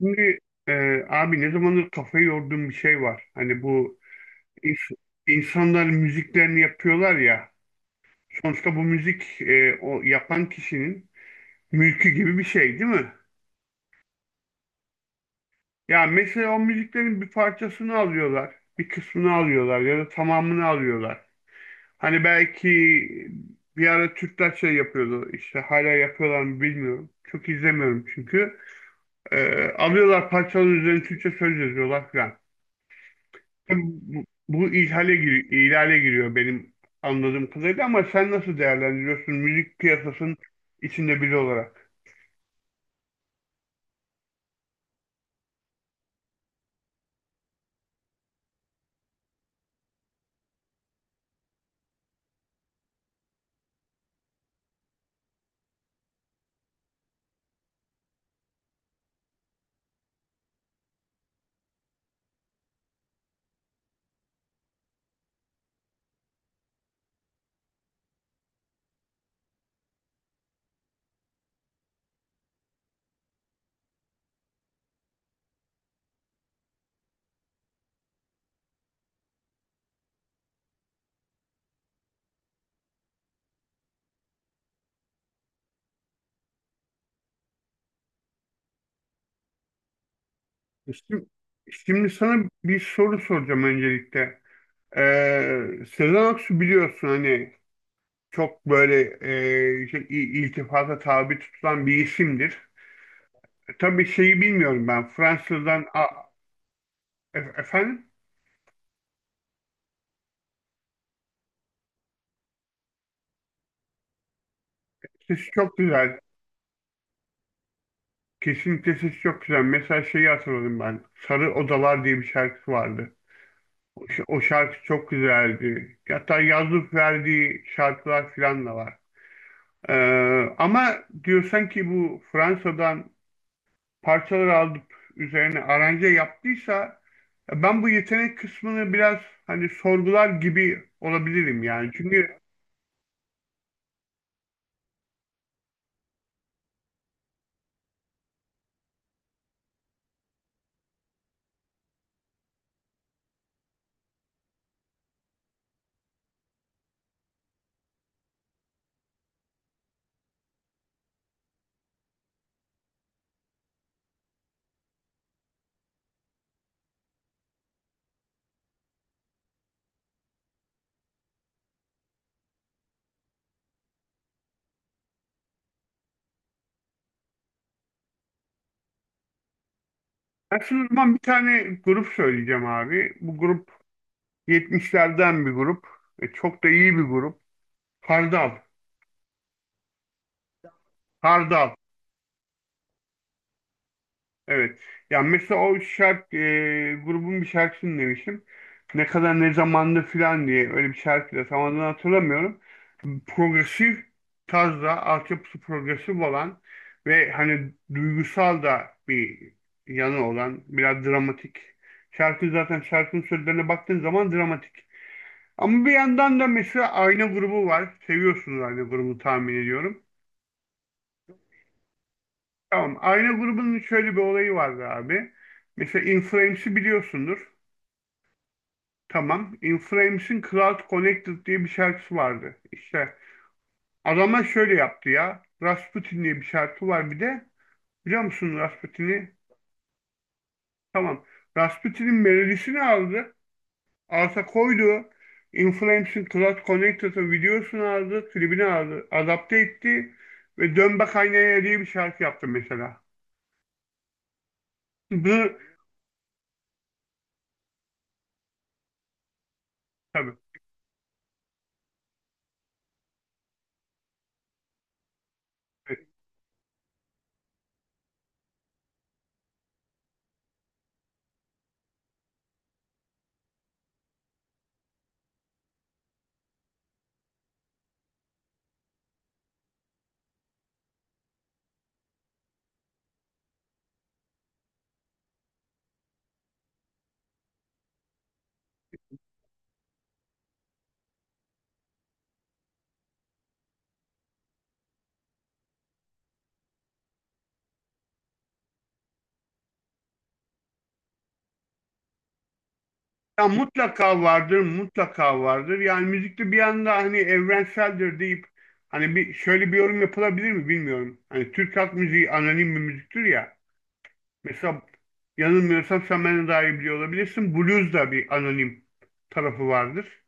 Şimdi e, abi ne zamandır kafayı yorduğum bir şey var. Hani bu ins- insanlar müziklerini yapıyorlar ya. Sonuçta bu müzik o yapan kişinin mülkü gibi bir şey değil mi? Ya mesela o müziklerin bir parçasını alıyorlar. Bir kısmını alıyorlar ya da tamamını alıyorlar. Hani belki bir ara Türkler şey yapıyordu. İşte hala yapıyorlar mı bilmiyorum. Çok izlemiyorum çünkü. Alıyorlar parçaların üzerine Türkçe söz yazıyorlar falan. Bu ihlale giriyor benim anladığım kadarıyla, ama sen nasıl değerlendiriyorsun müzik piyasasının içinde biri olarak? Şimdi, şimdi, sana bir soru soracağım öncelikle. Sezen Aksu biliyorsun, hani çok böyle iltifata tabi tutulan bir isimdir. Tabii şeyi bilmiyorum ben Fransızdan efendim, sesi çok güzel. Kesinlikle sesi çok güzel. Mesela şeyi hatırladım ben. Sarı Odalar diye bir şarkısı vardı. O şarkı çok güzeldi. Hatta yazıp verdiği şarkılar falan da var. Ee, ama diyorsan ki bu Fransa'dan parçalar alıp üzerine aranje yaptıysa, ben bu yetenek kısmını biraz hani sorgular gibi olabilirim yani. Çünkü aslında o zaman bir tane grup söyleyeceğim abi. Bu grup 70'lerden bir grup. E, çok da iyi bir grup. Hardal. Hardal. Evet. Ya mesela o şarkı grubun bir şarkısını demiştim. Ne kadar ne zamanda filan diye, öyle bir şarkı da tam adını hatırlamıyorum. Progresif tarzda, altyapısı progresif olan ve hani duygusal da bir yanı olan, biraz dramatik. Şarkı zaten, şarkının sözlerine baktığın zaman dramatik. Ama bir yandan da mesela Ayna grubu var. Seviyorsunuz Ayna grubunu tahmin ediyorum. Tamam. Ayna grubunun şöyle bir olayı vardı abi. Mesela Inflames'i biliyorsundur. Tamam. In Flames'in Cloud Connected diye bir şarkısı vardı. İşte adamlar şöyle yaptı ya. Rasputin diye bir şarkı var bir de. Biliyor musun Rasputin'i? Tamam. Rasputin'in melodisini aldı. Alta koydu. In Flames'in Cloud Connected'ın videosunu aldı. Klibini aldı. Adapte etti. Ve Dön Bak Aynaya diye bir şarkı yaptı mesela. Bu tabii. Ya mutlaka vardır, mutlaka vardır. Yani müzikte bir anda hani evrenseldir deyip hani bir şöyle bir yorum yapılabilir mi bilmiyorum. Hani Türk halk müziği anonim bir müziktir ya. Mesela yanılmıyorsam sen benden daha iyi biliyor olabilirsin. Blues da bir anonim tarafı vardır.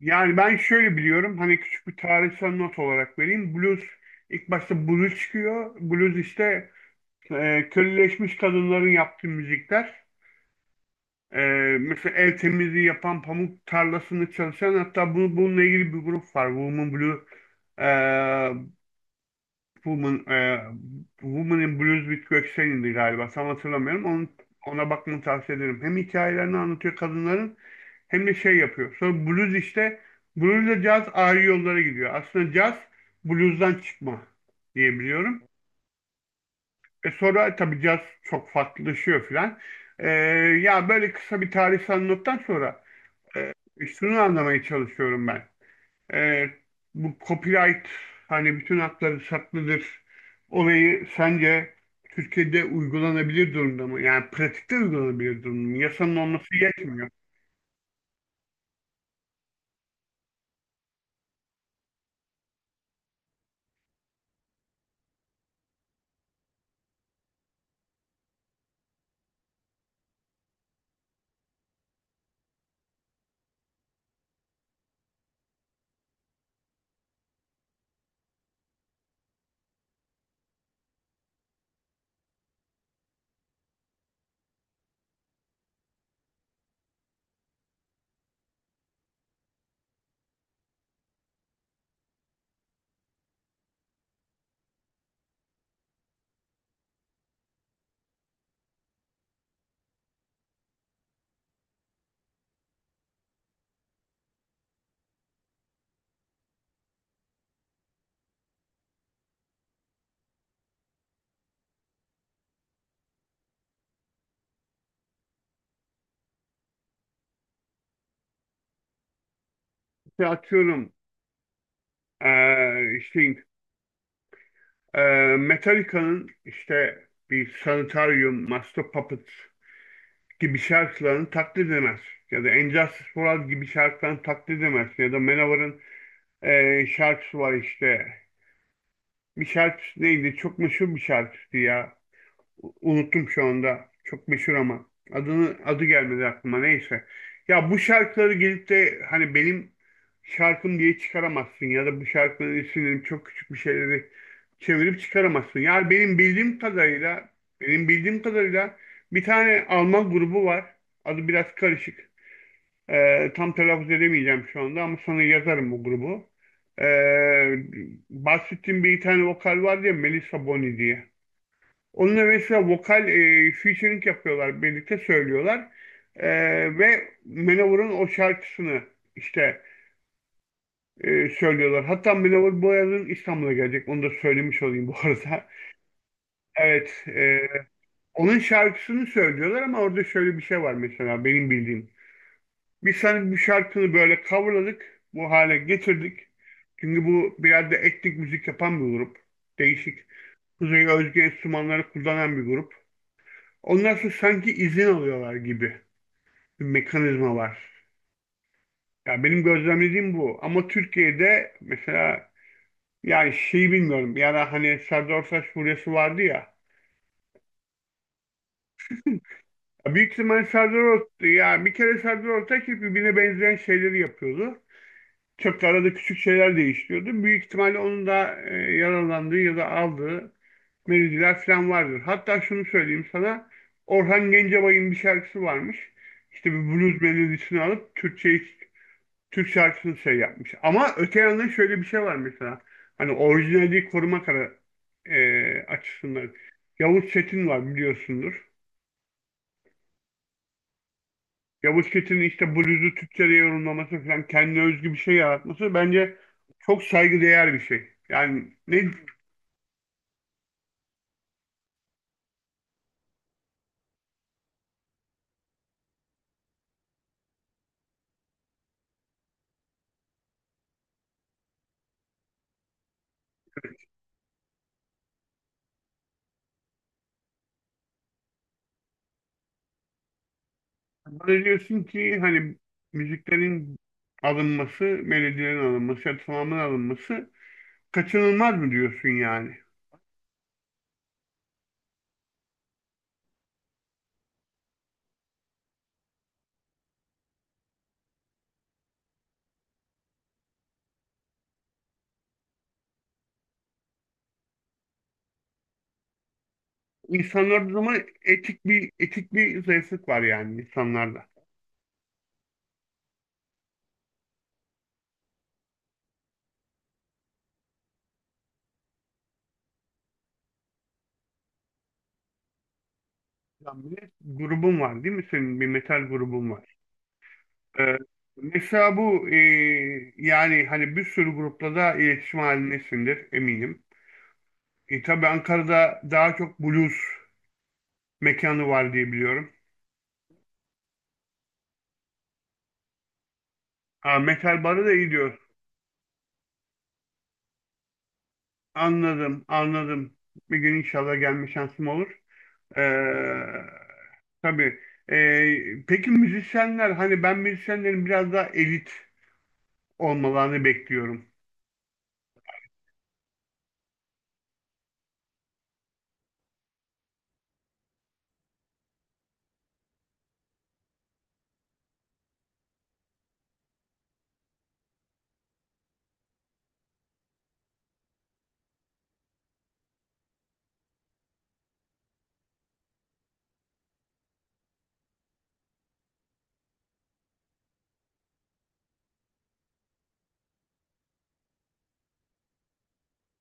Yani ben şöyle biliyorum. Hani küçük bir tarihsel not olarak vereyim. Blues, ilk başta blues çıkıyor. Blues işte köleleşmiş kadınların yaptığı müzikler. Ee, mesela el temizliği yapan, pamuk tarlasını çalışan, hatta bu, bununla ilgili bir grup var. Ee, Woman, ee, Woman in Blues with Göksel'indi galiba. Tam hatırlamıyorum. Onun, ona bakmanı tavsiye ederim. Hem hikayelerini anlatıyor kadınların hem de şey yapıyor. Sonra blues işte, bluesla caz ayrı yollara gidiyor. Aslında caz bluesdan çıkma diyebiliyorum. E sonra tabii caz çok farklılaşıyor filan. Ee, ya böyle kısa bir tarihsel nottan sonra, e, şunu anlamaya çalışıyorum ben. E, bu copyright, hani bütün hakları saklıdır olayı, sence Türkiye'de uygulanabilir durumda mı? Yani pratikte uygulanabilir durumda mı? Yasanın olması yetmiyor. İşte atıyorum, e, işte e, Metallica'nın işte bir Sanitarium, Master Puppet gibi şarkılarını taklit edemez. Ya da Injustice for All gibi şarkılarını taklit edemez. Ya da Manowar'ın şarkısı var işte. Bir şarkısı değildi. Çok meşhur bir şarkısı ya. Unuttum şu anda. Çok meşhur ama. Adını, adı gelmedi aklıma. Neyse. Ya bu şarkıları gelip de hani benim şarkım diye çıkaramazsın, ya da bu şarkının isimlerini çok küçük bir şeyleri çevirip çıkaramazsın. Yani benim bildiğim kadarıyla bir tane Alman grubu var. Adı biraz karışık. Tam telaffuz edemeyeceğim şu anda, ama sana yazarım bu grubu. Ee, bahsettiğim bir tane vokal var ya, Melissa Boni diye. Onunla mesela vokal featuring yapıyorlar, birlikte söylüyorlar. Ve Manowar'ın o şarkısını işte söylüyorlar. Hatta Manowar bu yazın İstanbul'a gelecek. Onu da söylemiş olayım bu arada. Evet, onun şarkısını söylüyorlar, ama orada şöyle bir şey var mesela benim bildiğim. Biz senin bir şarkını böyle coverladık. Bu hale getirdik. Çünkü bu biraz da etnik müzik yapan bir grup. Değişik. Kuzey özgü enstrümanları kullanan bir grup. Onlar sanki izin alıyorlar gibi bir mekanizma var. Ya benim gözlemlediğim bu. Ama Türkiye'de mesela, yani şeyi bilmiyorum. Ya da hani Serdar Ortaç furyası vardı ya. Ya büyük ihtimal Serdar Ortaç, ya bir kere Serdar Ortaç hep birbirine benzeyen şeyleri yapıyordu. Çok da arada küçük şeyler değiştiriyordu. Büyük ihtimalle onun da yaralandığı ya da aldığı melodiler falan vardır. Hatta şunu söyleyeyim sana. Orhan Gencebay'ın bir şarkısı varmış. İşte bir blues melodisini alıp Türkçe Türk şarkısını şey yapmış. Ama öte yandan şöyle bir şey var mesela. Hani orijinali koruma kara, açısından. Yavuz Çetin var, biliyorsundur. Yavuz Çetin'in işte bluzu Türkçe'de yorumlaması falan, kendine özgü bir şey yaratması bence çok saygıdeğer bir şey. Yani ne böyle diyorsun ki, hani müziklerin alınması, melodilerin alınması, ya da tamamen alınması kaçınılmaz mı diyorsun yani? İnsanlarda o zaman etik bir zayıflık var yani insanlarda. Yani bir de grubun var değil mi? Senin bir metal grubun var. Ee, Mesela bu yani hani bir sürü grupla da iletişim halindesindir eminim. Tabii Ankara'da daha çok blues mekanı var diye biliyorum. Ha, metal barı da iyi diyor. Anladım, anladım. Bir gün inşallah gelme şansım olur. Ee, tabii. Peki müzisyenler, hani ben müzisyenlerin biraz daha elit olmalarını bekliyorum.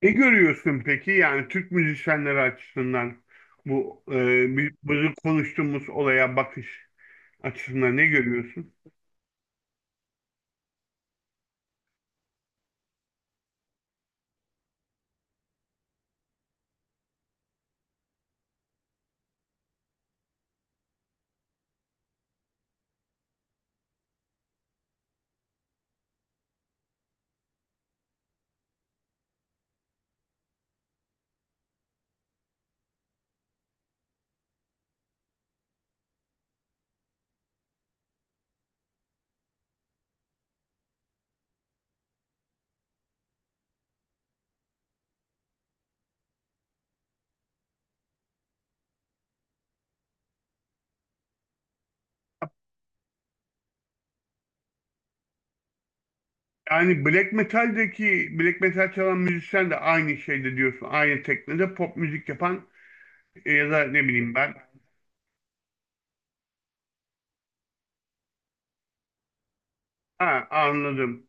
Ne görüyorsun peki, yani Türk müzisyenleri açısından bu bizim konuştuğumuz olaya bakış açısından ne görüyorsun? Yani black metal'deki, black metal çalan müzisyen de aynı şeyde diyorsun. Aynı teknede pop müzik yapan ya da ne bileyim ben. Ha, anladım.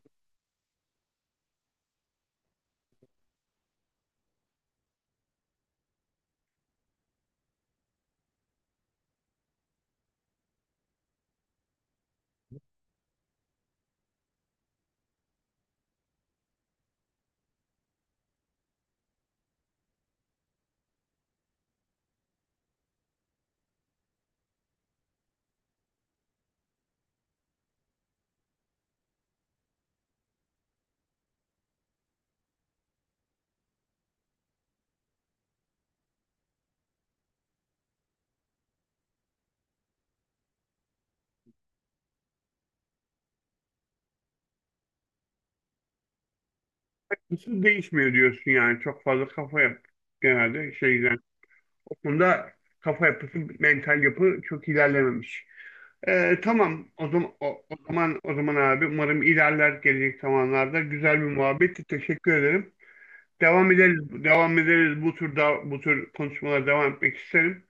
Hiçbir değişmiyor diyorsun yani. Çok fazla kafa yap. Genelde şeyden. O konuda kafa yapısı, mental yapı çok ilerlememiş. Tamam. O zaman o zaman abi, umarım ilerler gelecek zamanlarda. Güzel bir muhabbetti. Teşekkür ederim. Devam ederiz. Devam ederiz. Bu tür konuşmalara devam etmek isterim.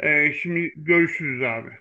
Şimdi görüşürüz abi.